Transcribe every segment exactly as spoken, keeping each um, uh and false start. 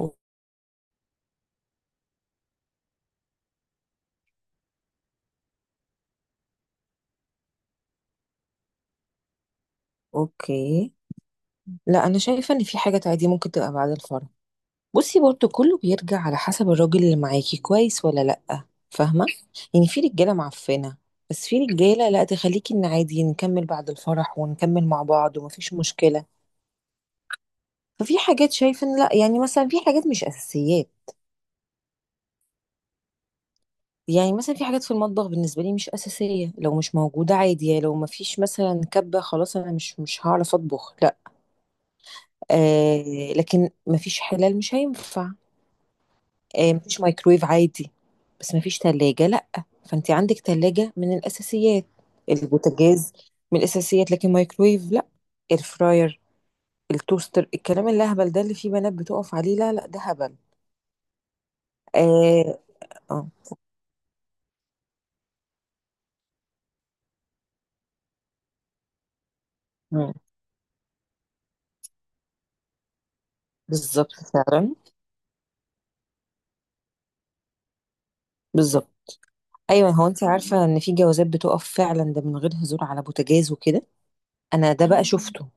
أو- اوكي، لا انا شايفه ان في حاجه عادي ممكن تبقى بعد الفرح. بصي برضو كله بيرجع على حسب الراجل اللي معاكي كويس ولا لا، فاهمه؟ يعني في رجاله معفنه، بس في رجاله لا تخليكي ان عادي نكمل بعد الفرح ونكمل مع بعض ومفيش مشكله. ففي حاجات شايفه ان لا، يعني مثلا في حاجات مش اساسيات. يعني مثلا في حاجات في المطبخ بالنسبه لي مش اساسيه، لو مش موجوده عادي، يعني لو مفيش مثلا كبه خلاص، انا مش مش هعرف اطبخ، لا. آه، لكن مفيش حلال مش هينفع. آه، مفيش مايكرويف عادي، بس مفيش تلاجة لأ. فأنت عندك تلاجة من الأساسيات، البوتاجاز من الأساسيات، لكن مايكرويف لأ. الفراير، التوستر، الكلام الأهبل ده اللي فيه بنات بتقف عليه، لا لأ، ده هبل. آه. آه. مم. بالظبط فعلا. بالظبط. أيوة، هو أنت عارفة إن في جوازات بتقف فعلا، ده من غير هزار، على بوتاجاز وكده. أنا ده بقى شفته،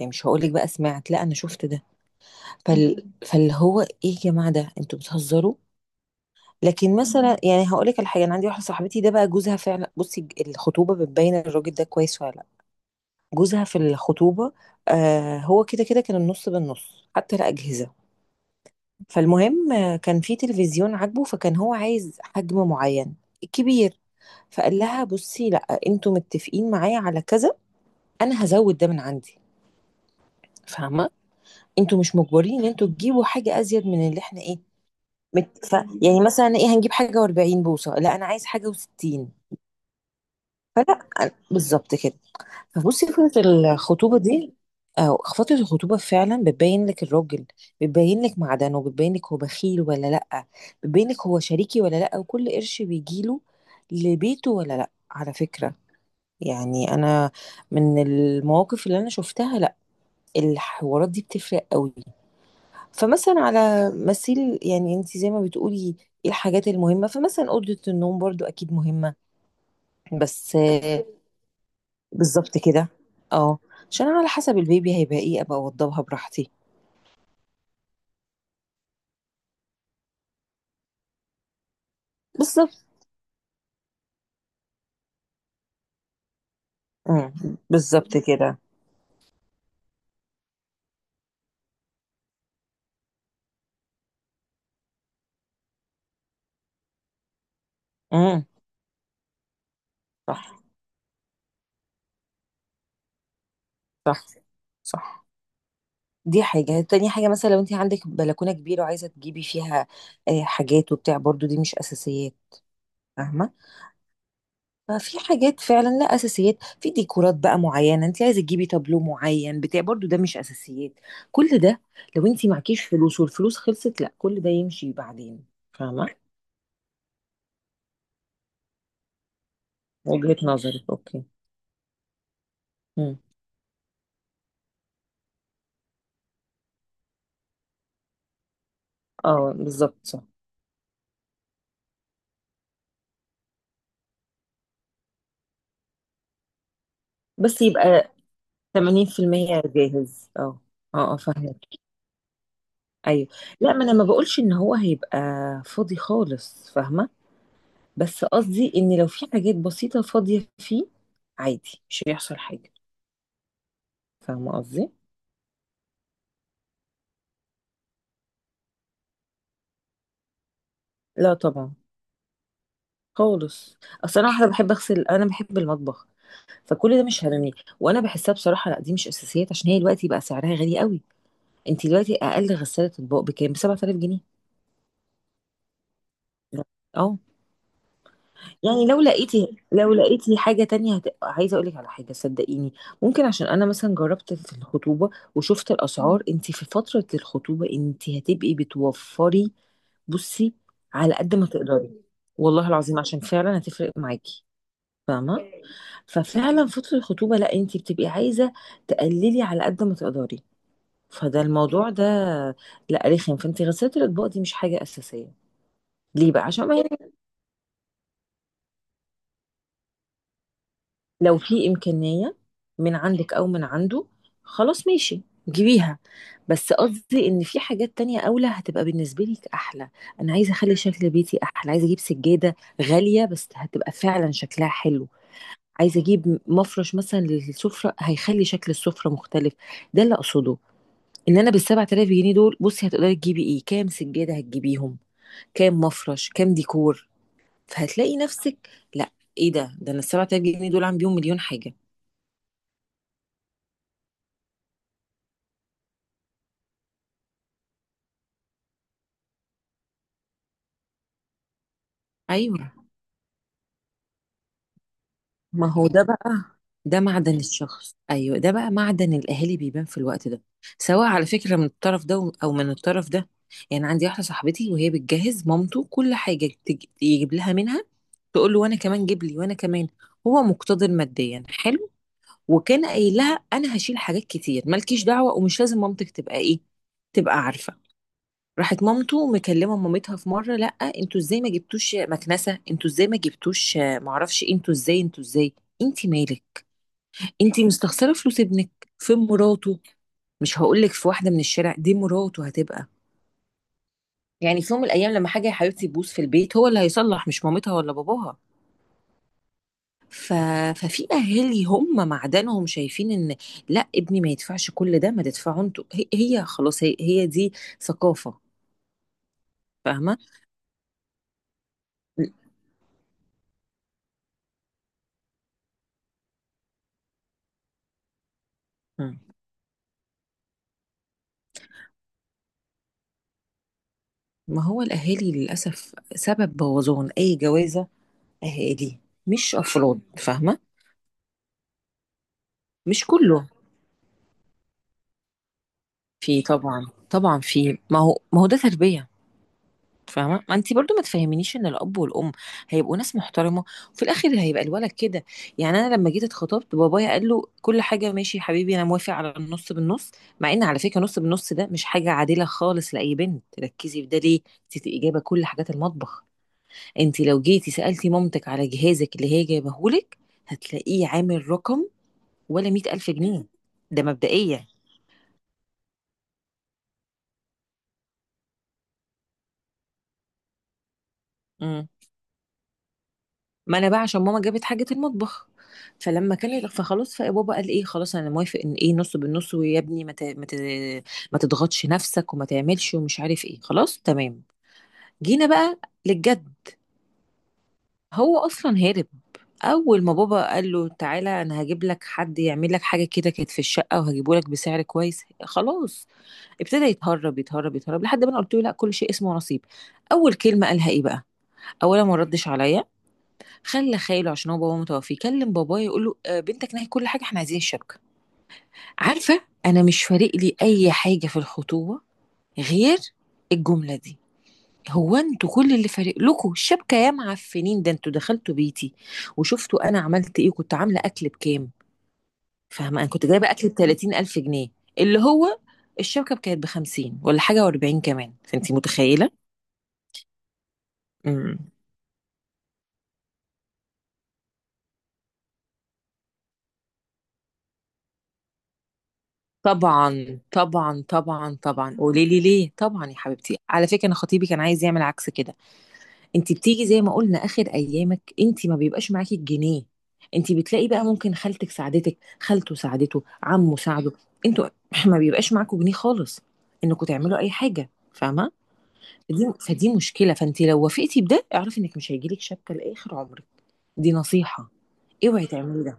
يعني مش هقولك بقى سمعت، لا أنا شفت ده. فال... فاللي هو إيه يا جماعة، ده أنتوا بتهزروا. لكن مثلا، يعني هقول لك على حاجه، انا عندي واحده صاحبتي، ده بقى جوزها فعلا. بصي، الخطوبه بتبين الراجل ده كويس ولا لا. جوزها في الخطوبه، آه، هو كده كده كان النص بالنص حتى الاجهزه. فالمهم آه، كان في تلفزيون عاجبه، فكان هو عايز حجم معين، كبير. فقال لها بصي لا، انتوا متفقين معايا على كذا، انا هزود ده من عندي، فاهمه؟ انتوا مش مجبرين ان انتوا تجيبوا حاجه ازيد من اللي احنا ايه. مت... ف... يعني مثلا ايه، هنجيب حاجه و40 بوصه؟ لا انا عايز حاجه و60. بالظبط كده. فبصي فترة الخطوبة دي، أو فترة الخطوبة فعلا بتبين لك الراجل، بتبين لك معدنه، بتبين لك هو بخيل ولا لأ، بتبين لك هو شريكي ولا لأ، وكل قرش بيجيله لبيته ولا لأ، على فكرة. يعني أنا من المواقف اللي أنا شفتها، لأ، الحوارات دي بتفرق قوي. فمثلا على مثيل، يعني أنت زي ما بتقولي إيه، الحاجات المهمة، فمثلا أوضة النوم برضو أكيد مهمة، بس. بالضبط كده، آه، عشان أنا على حسب البيبي هيبقى إيه أبقى أوضّبها براحتي. بالضبط، إمم، بالضبط كده، إمم، صح، صح، صح، دي حاجة، تاني حاجة مثلًا لو أنتِ عندِك بلكونة كبيرة وعايزة تجيبي فيها آآ حاجات وبتاع، برضه دي مش أساسيات، فاهمة؟ ففي حاجات فعلًا لأ أساسيات، في ديكورات بقى معيّنة، أنتِ عايزة تجيبي تابلو معيّن بتاع برضه ده مش أساسيات، كل ده لو أنتِ معاكيش فلوس والفلوس خلصت لأ، كل ده يمشي بعدين، فاهمة؟ وجهة نظرِك، أوكي، إمم. اه بالظبط صح. بس يبقى ثمانين في المية جاهز، اه. اه اه، فاهمك، ايوه. لا ما انا ما بقولش ان هو هيبقى فاضي خالص، فاهمه؟ بس قصدي ان لو في حاجات بسيطه فاضيه فيه، عادي مش هيحصل حاجه، فاهمه قصدي؟ لا طبعا، خالص. اصل انا واحده بحب اغسل، انا بحب المطبخ، فكل ده مش هرميه. وانا بحسها بصراحه لا، دي مش اساسيات، عشان هي دلوقتي بقى سعرها غالي قوي. انت دلوقتي اقل غساله اطباق بكام؟ ب سبعة آلاف جنيه. لا. اه، يعني لو لقيتي، لو لقيتي حاجة تانية هت... عايزة أقولك على حاجة، صدقيني، ممكن، عشان أنا مثلا جربت في الخطوبة وشفت الأسعار، أنت في فترة الخطوبة أنت هتبقي بتوفري. بصي، على قد ما تقدري، والله العظيم عشان فعلا هتفرق معاكي، فاهمة؟ ففعلا فترة الخطوبة لا، أنت بتبقي عايزة تقللي على قد ما تقدري، فده الموضوع ده لا رخم. فأنت غسالة الأطباق دي مش حاجة أساسية. ليه بقى؟ عشان ما هي، لو في إمكانية من عندك أو من عنده، خلاص ماشي، جيبيها. بس قصدي إن في حاجات تانية أولى هتبقى بالنسبة لك أحلى. أنا عايزة أخلي شكل بيتي أحلى، عايزة أجيب سجادة غالية بس هتبقى فعلا شكلها حلو، عايزة أجيب مفرش مثلا للسفرة هيخلي شكل السفرة مختلف، ده اللي أقصده. إن أنا بالسبعة آلاف جنيه دول، بصي هتقدري تجيبي إيه، كام سجادة هتجيبيهم، كام مفرش، كام ديكور، فهتلاقي نفسك لا، إيه ده ده أنا السبعة آلاف جنيه دول عم بيهم مليون حاجة. أيوه، ما هو ده بقى، ده معدن الشخص، ايوه ده بقى معدن الاهالي بيبان في الوقت ده، سواء على فكره من الطرف ده او من الطرف ده. يعني عندي واحده صاحبتي، وهي بتجهز مامته كل حاجه تج- يجيب لها منها، تقول له وانا كمان جيب لي وانا كمان. هو مقتدر ماديا، حلو. وكان قايل لها انا هشيل حاجات كتير، مالكيش دعوه، ومش لازم مامتك تبقى ايه، تبقى عارفه. راحت مامته مكلمه مامتها في مره، لا انتوا ازاي ما جبتوش مكنسه، انتوا ازاي ما جبتوش آه، معرفش إيه؟ انتوا ازاي، انتوا ازاي، انت مالك؟ انتي مستخسره فلوس ابنك في مراته؟ مش هقولك في واحده من الشارع دي مراته هتبقى، يعني في يوم من الايام لما حاجه يا حبيبتي تبوظ في البيت هو اللي هيصلح، مش مامتها ولا باباها. ف... ففي اهالي هم معدنهم شايفين ان لا، ابني ما يدفعش كل ده، ما تدفعوا انتوا، هي, هي خلاص، هي, هي، دي ثقافه، فاهمه؟ مم. ما هو الاهالي للاسف سبب بوظان اي جوازه، اهالي مش افراد، فاهمه؟ مش كله، في طبعا طبعا، في، ما هو ما هو ده تربيه، فاهمه؟ ما انت برضو ما تفهمينيش ان الاب والام هيبقوا ناس محترمه وفي الاخر هيبقى الولد كده. يعني انا لما جيت اتخطبت، بابايا قال له كل حاجه ماشي يا حبيبي انا موافق على النص بالنص. مع ان على فكره نص بالنص ده مش حاجه عادله خالص لاي بنت، ركزي في ده ليه، انت جايبه كل حاجات المطبخ، انت لو جيتي سالتي مامتك على جهازك اللي هي جايبهولك هتلاقيه عامل رقم ولا مئة الف جنيه، ده مبدئيا. ما انا بقى عشان ماما جابت حاجه المطبخ، فلما كان فخلاص، فبابا قال ايه، خلاص انا موافق ان ايه نص بالنص، ويا ابني ما ت- ما ت- ما تضغطش نفسك وما تعملش ومش عارف ايه، خلاص تمام. جينا بقى للجد، هو اصلا هارب. اول ما بابا قال له تعالى انا هجيب لك حد يعمل لك حاجه كده كانت في الشقه وهجيبه لك بسعر كويس، خلاص. ابتدى يتهرب يتهرب يتهرب لحد ما انا قلت له لا، كل شيء اسمه نصيب. اول كلمه قالها ايه بقى؟ اولا ما ردش عليا، خلى خاله، عشان هو بابا متوفي، يكلم بابايا يقول له آه، بنتك نهي كل حاجه احنا عايزين الشبكه. عارفه، انا مش فارق لي اي حاجه في الخطوبه غير الجمله دي. هو انتوا كل اللي فارق لكم الشبكه يا معفنين؟ ده انتوا دخلتوا بيتي وشفتوا انا عملت ايه، كنت عامله اكل بكام، فاهمه؟ انا كنت جايبه اكل ب تلاتين الف جنيه، اللي هو الشبكه كانت ب خمسين ولا حاجه و40 كمان، فانت متخيله. إمم. طبعا طبعا طبعا طبعا، قولي لي ليه؟ طبعا يا حبيبتي، على فكره انا خطيبي كان عايز يعمل عكس كده. انت بتيجي زي ما قلنا اخر ايامك، انت ما بيبقاش معاكي الجنيه، انت بتلاقي بقى ممكن خالتك ساعدتك، خالته ساعدته، عمه ساعده، انتوا ما بيبقاش معاكوا جنيه خالص انكم تعملوا اي حاجه، فاهمه؟ فدي فدي مشكله. فانت لو وافقتي بده اعرفي انك مش هيجيلك شبكه لاخر عمرك، دي نصيحه، اوعي تعملي ده.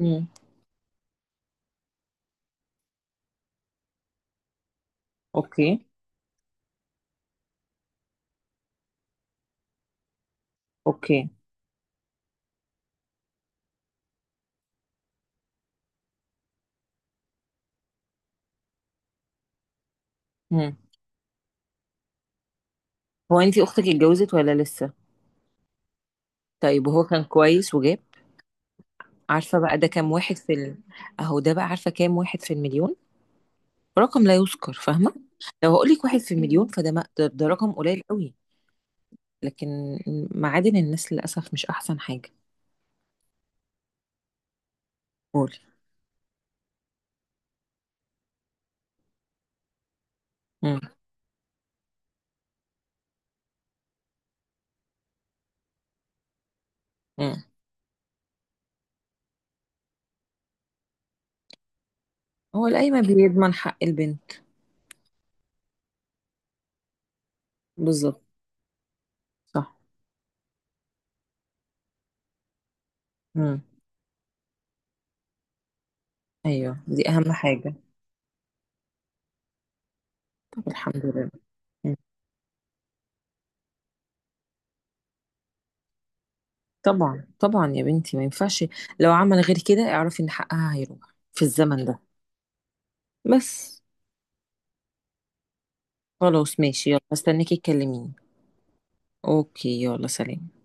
امم. اوكي. اوكي. امم. هو انت اختك اتجوزت ولا لسه؟ طيب، وهو كان كويس وجاب؟ عارفة بقى ده كام واحد في ال... اهو ده بقى، عارفة كام واحد في المليون؟ رقم لا يذكر، فاهمة؟ لو هقولك واحد في مم. المليون فده ما... ده, ده رقم قليل قوي. لكن معادن الناس للأسف مش أحسن حاجة. قولي. مم. مم. هو القايمة بيضمن حق البنت. بالظبط، صح. مم. أيوه دي أهم حاجة. طب الحمد لله. مم. طبعا طبعا يا بنتي ما ينفعش، لو عمل غير كده اعرفي إن حقها هيروح في الزمن ده بس. خلاص ماشي، يلا استناكي تكلميني. اوكي، يلا سلام.